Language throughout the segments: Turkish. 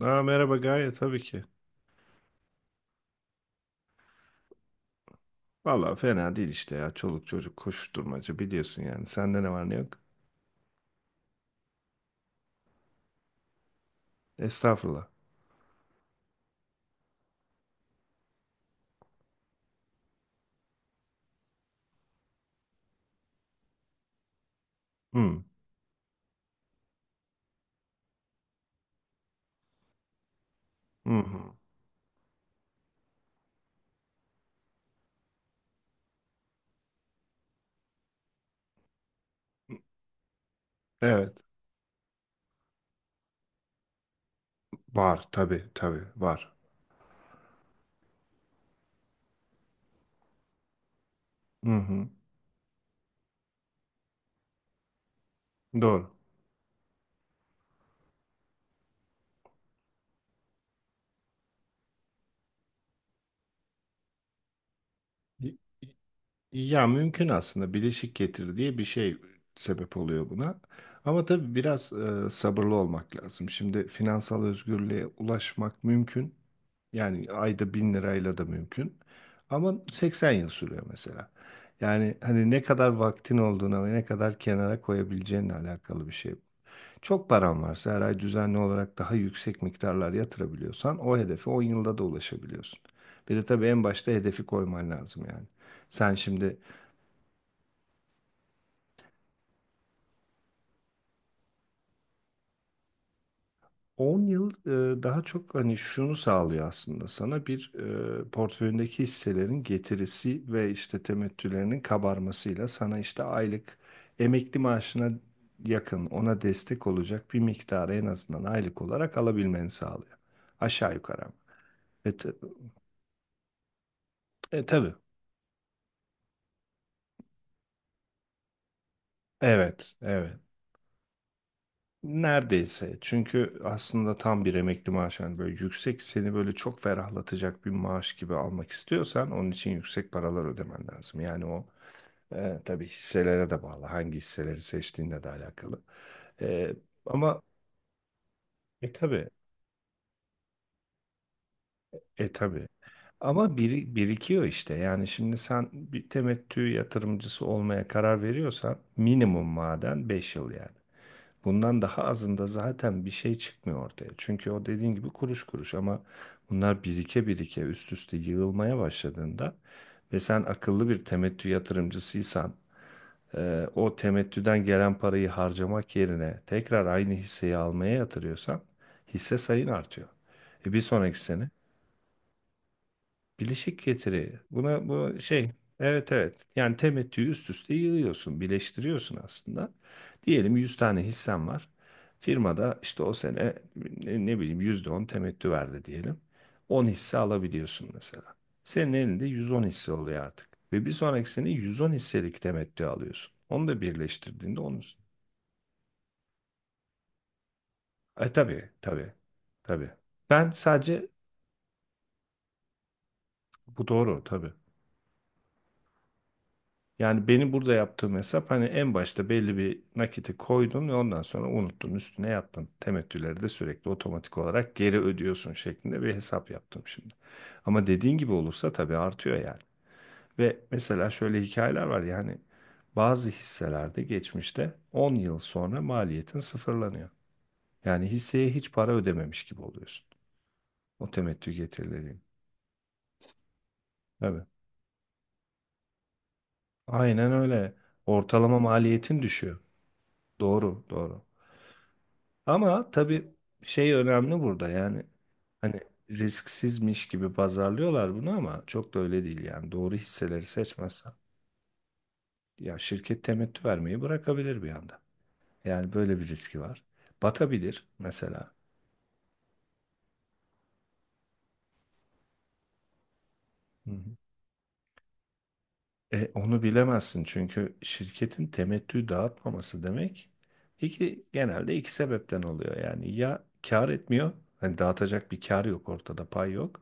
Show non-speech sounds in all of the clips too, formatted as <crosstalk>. Merhaba Gaye, tabii ki. Vallahi fena değil işte ya. Çoluk çocuk koşuşturmaca biliyorsun yani. Sende ne var ne yok? Estağfurullah. Hı, hı, hı. Evet. Var tabii tabii var. Hı hı. Doğru. Ya mümkün aslında, bileşik getir diye bir şey sebep oluyor buna. Ama tabii biraz sabırlı olmak lazım. Şimdi finansal özgürlüğe ulaşmak mümkün. Yani ayda 1.000 lirayla da mümkün. Ama 80 yıl sürüyor mesela. Yani hani ne kadar vaktin olduğuna ve ne kadar kenara koyabileceğinle alakalı bir şey. Çok paran varsa her ay düzenli olarak daha yüksek miktarlar yatırabiliyorsan o hedefe 10 yılda da ulaşabiliyorsun. Bir de tabii en başta hedefi koyman lazım yani. Sen şimdi 10 yıl, daha çok hani şunu sağlıyor aslında sana: bir, portföyündeki hisselerin getirisi ve işte temettülerinin kabarmasıyla sana işte aylık emekli maaşına yakın, ona destek olacak bir miktarı en azından aylık olarak alabilmeni sağlıyor. Aşağı yukarı ama. E, t- tabii. Evet, evet. Neredeyse. Çünkü aslında tam bir emekli maaşı, hani böyle yüksek, seni böyle çok ferahlatacak bir maaş gibi almak istiyorsan onun için yüksek paralar ödemen lazım. Tabii, hisselere de bağlı. Hangi hisseleri seçtiğinle de alakalı. E, ama tabii, tabii. Ama birikiyor işte. Yani şimdi sen bir temettü yatırımcısı olmaya karar veriyorsan minimum maden 5 yıl yani. Bundan daha azında zaten bir şey çıkmıyor ortaya. Çünkü o, dediğin gibi, kuruş kuruş ama bunlar birike birike üst üste yığılmaya başladığında ve sen akıllı bir temettü yatırımcısıysan, o temettüden gelen parayı harcamak yerine tekrar aynı hisseyi almaya yatırıyorsan hisse sayın artıyor. E, bir sonraki sene Bileşik getiri. Buna bu şey. Evet evet. Yani temettüyü üst üste yığıyorsun, birleştiriyorsun aslında. Diyelim 100 tane hissen var. Firmada işte o sene, ne bileyim, %10 temettü verdi diyelim. 10 hisse alabiliyorsun mesela. Senin elinde 110 hisse oluyor artık. Ve bir sonraki sene 110 hisselik temettü alıyorsun. Onu da birleştirdiğinde onun üstüne. Tabii tabii tabii. Ben sadece Bu doğru tabii. Yani benim burada yaptığım hesap, hani en başta belli bir nakiti koydun ve ondan sonra unuttun, üstüne yattın. Temettüleri de sürekli otomatik olarak geri ödüyorsun şeklinde bir hesap yaptım şimdi. Ama dediğin gibi olursa tabii artıyor yani. Ve mesela şöyle hikayeler var yani, bazı hisselerde geçmişte 10 yıl sonra maliyetin sıfırlanıyor. Yani hisseye hiç para ödememiş gibi oluyorsun. O temettü getirileriyle. Tabii. Aynen öyle. Ortalama maliyetin düşüyor. Doğru, doğru. Ama tabii şey önemli burada yani, hani risksizmiş gibi pazarlıyorlar bunu ama çok da öyle değil yani, doğru hisseleri seçmezsen ya şirket temettü vermeyi bırakabilir bir anda. Yani böyle bir riski var. Batabilir mesela. Hı hı. Onu bilemezsin çünkü şirketin temettü dağıtmaması demek genelde iki sebepten oluyor. Yani ya kar etmiyor, hani dağıtacak bir kar yok ortada, pay yok.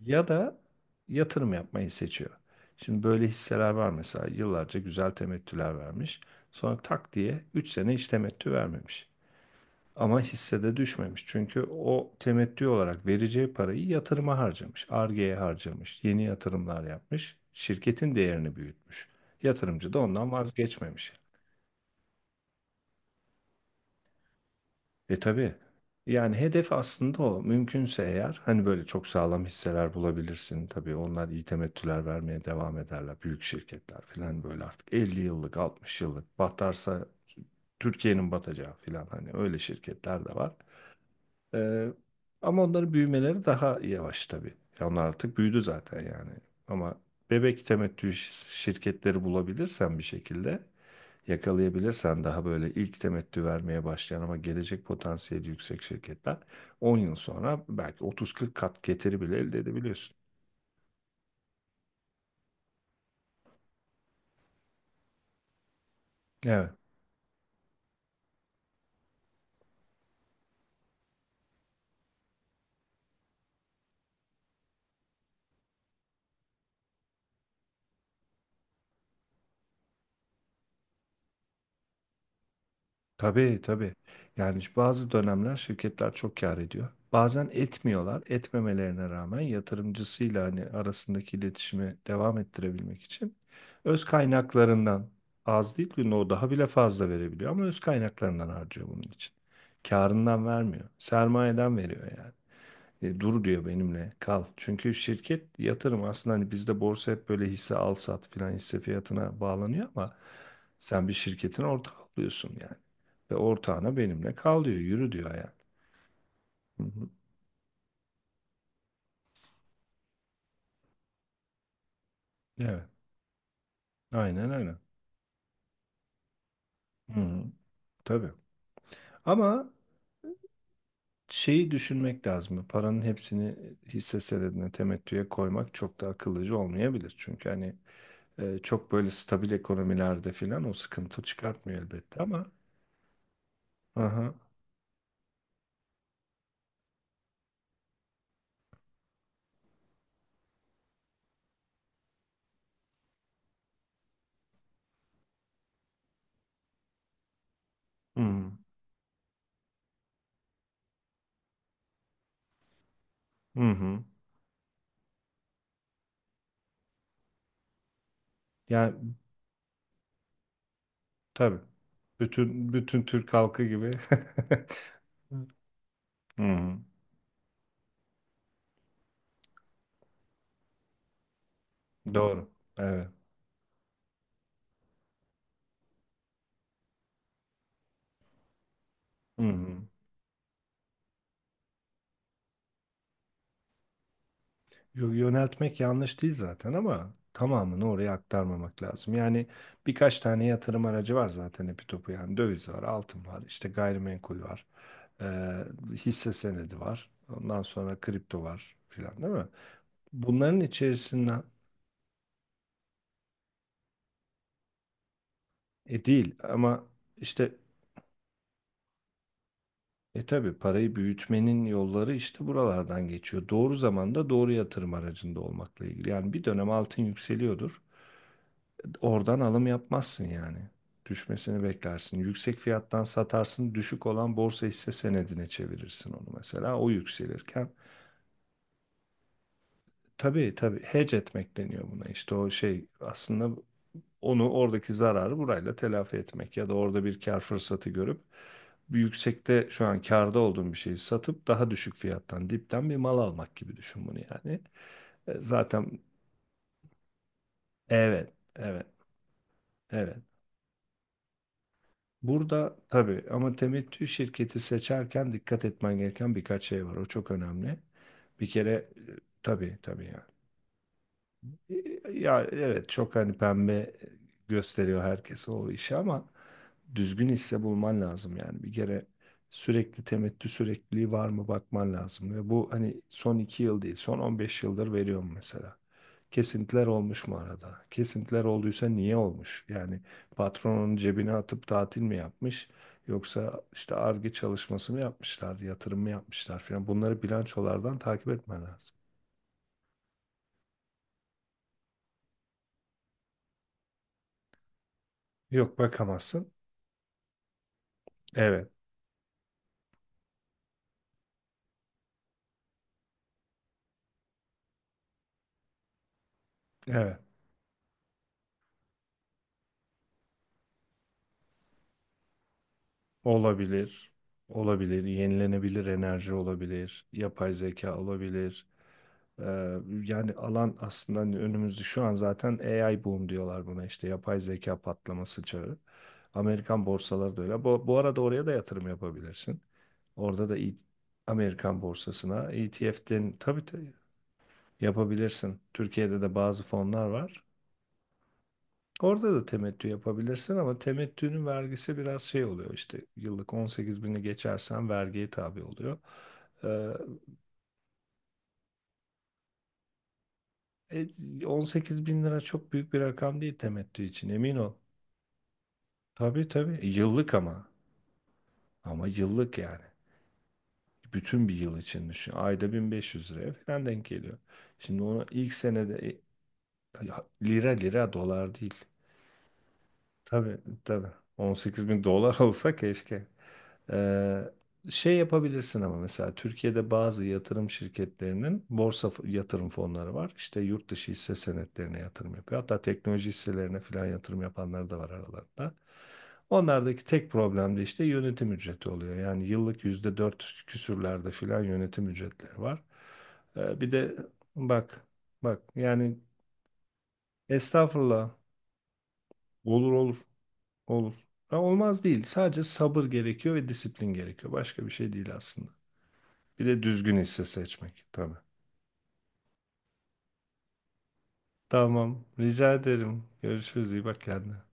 Ya da yatırım yapmayı seçiyor. Şimdi böyle hisseler var mesela, yıllarca güzel temettüler vermiş. Sonra tak diye 3 sene hiç temettü vermemiş. Ama hissede düşmemiş. Çünkü o temettü olarak vereceği parayı yatırıma harcamış. Ar-Ge'ye harcamış. Yeni yatırımlar yapmış. Şirketin değerini büyütmüş. Yatırımcı da ondan vazgeçmemiş. Tabii. Yani hedef aslında o. Mümkünse eğer, hani böyle çok sağlam hisseler bulabilirsin. Tabii onlar iyi temettüler vermeye devam ederler. Büyük şirketler falan, böyle artık 50 yıllık, 60 yıllık, batarsa Türkiye'nin batacağı falan, hani öyle şirketler de var. Ee, Ama onların büyümeleri daha yavaş tabii. Ya onlar artık büyüdü zaten yani. Ama bebek temettü şirketleri bulabilirsen bir şekilde, yakalayabilirsen, daha böyle ilk temettü vermeye başlayan ama gelecek potansiyeli yüksek şirketler, 10 yıl sonra belki 30-40 kat getiri bile elde edebiliyorsun. Evet. Tabii tabii. Yani işte bazı dönemler şirketler çok kâr ediyor. Bazen etmiyorlar. Etmemelerine rağmen, yatırımcısıyla hani arasındaki iletişimi devam ettirebilmek için öz kaynaklarından, az değil, günde o daha bile fazla verebiliyor ama öz kaynaklarından harcıyor bunun için. Kârından vermiyor. Sermayeden veriyor yani. Dur diyor, benimle kal. Çünkü şirket yatırım aslında, hani bizde borsa hep böyle hisse al sat filan, hisse fiyatına bağlanıyor ama sen bir şirketin ortağı oluyorsun yani. Ve ortağına benimle kal diyor, yürü diyor yani. Hı hı. Evet, aynen öyle. Hı hı. Tabii. Ama şeyi düşünmek lazım. Paranın hepsini hisse senedine, temettüye koymak çok da akıllıca olmayabilir. Çünkü hani, çok böyle stabil ekonomilerde filan o sıkıntı çıkartmıyor elbette, ama. Aha. Hı. Hı hı. Yani tabii. Bütün bütün Türk halkı gibi. <laughs> Hı hı. Doğru. Evet. Hı hı. Yöneltmek yanlış değil zaten ama tamamını oraya aktarmamak lazım. Yani birkaç tane yatırım aracı var zaten epi topu yani: döviz var, altın var, işte gayrimenkul var, e, hisse senedi var, ondan sonra kripto var filan değil mi? Bunların içerisinden, değil ama işte... Tabii, parayı büyütmenin yolları işte buralardan geçiyor. Doğru zamanda doğru yatırım aracında olmakla ilgili. Yani bir dönem altın yükseliyordur. Oradan alım yapmazsın yani. Düşmesini beklersin. Yüksek fiyattan satarsın. Düşük olan borsa, hisse senedine çevirirsin onu mesela. O yükselirken... Tabii tabii, hedge etmek deniyor buna. İşte o şey aslında, onu, oradaki zararı burayla telafi etmek ya da orada bir kar fırsatı görüp bir yüksekte şu an karda olduğum bir şeyi satıp daha düşük fiyattan dipten bir mal almak gibi düşün bunu yani. Zaten evet, evet evet. Burada tabii, ama temettü şirketi seçerken dikkat etmen gereken birkaç şey var. O çok önemli. Bir kere, tabii tabii yani. Ya evet, çok hani pembe gösteriyor herkese o işi ama düzgün hisse bulman lazım yani. Bir kere sürekli temettü sürekliliği var mı bakman lazım. Ve bu hani son 2 yıl değil, son 15 yıldır veriyorum mesela. Kesintiler olmuş mu arada? Kesintiler olduysa niye olmuş? Yani patronun cebine atıp tatil mi yapmış? Yoksa işte Ar-Ge çalışması mı yapmışlar, yatırım mı yapmışlar falan. Bunları bilançolardan takip etmen lazım. Yok bakamazsın. Evet. Evet. Olabilir. Olabilir. Yenilenebilir enerji olabilir. Yapay zeka olabilir. Ee, Yani alan aslında hani önümüzde şu an zaten, AI boom diyorlar buna, işte yapay zeka patlaması çağı. Amerikan borsaları da öyle. Bu arada oraya da yatırım yapabilirsin. Orada da Amerikan borsasına ETF'den, tabii tabii yapabilirsin. Türkiye'de de bazı fonlar var. Orada da temettü yapabilirsin ama temettünün vergisi biraz şey oluyor, işte yıllık 18 bini geçersen vergiye tabi oluyor. Ee, 18 bin lira çok büyük bir rakam değil temettü için, emin ol. Tabii tabii yıllık, ama yıllık yani. Bütün bir yıl için düşün. Ayda 1500 liraya falan denk geliyor. Şimdi onu ilk senede, lira, lira, dolar değil. Tabii tabii, 18 bin dolar <laughs> olsa keşke. Ee, Şey yapabilirsin ama mesela Türkiye'de bazı yatırım şirketlerinin borsa yatırım fonları var. İşte yurt dışı hisse senetlerine yatırım yapıyor. Hatta teknoloji hisselerine falan yatırım yapanlar da var aralarında. Onlardaki tek problem de işte yönetim ücreti oluyor. Yani yıllık %4 küsürlerde falan yönetim ücretleri var. Bir de bak bak yani, estağfurullah, olur olur olur. Ha, olmaz değil. Sadece sabır gerekiyor ve disiplin gerekiyor. Başka bir şey değil aslında. Bir de düzgün hisse seçmek tabii. Tamam, rica ederim. Görüşürüz, iyi bak kendine.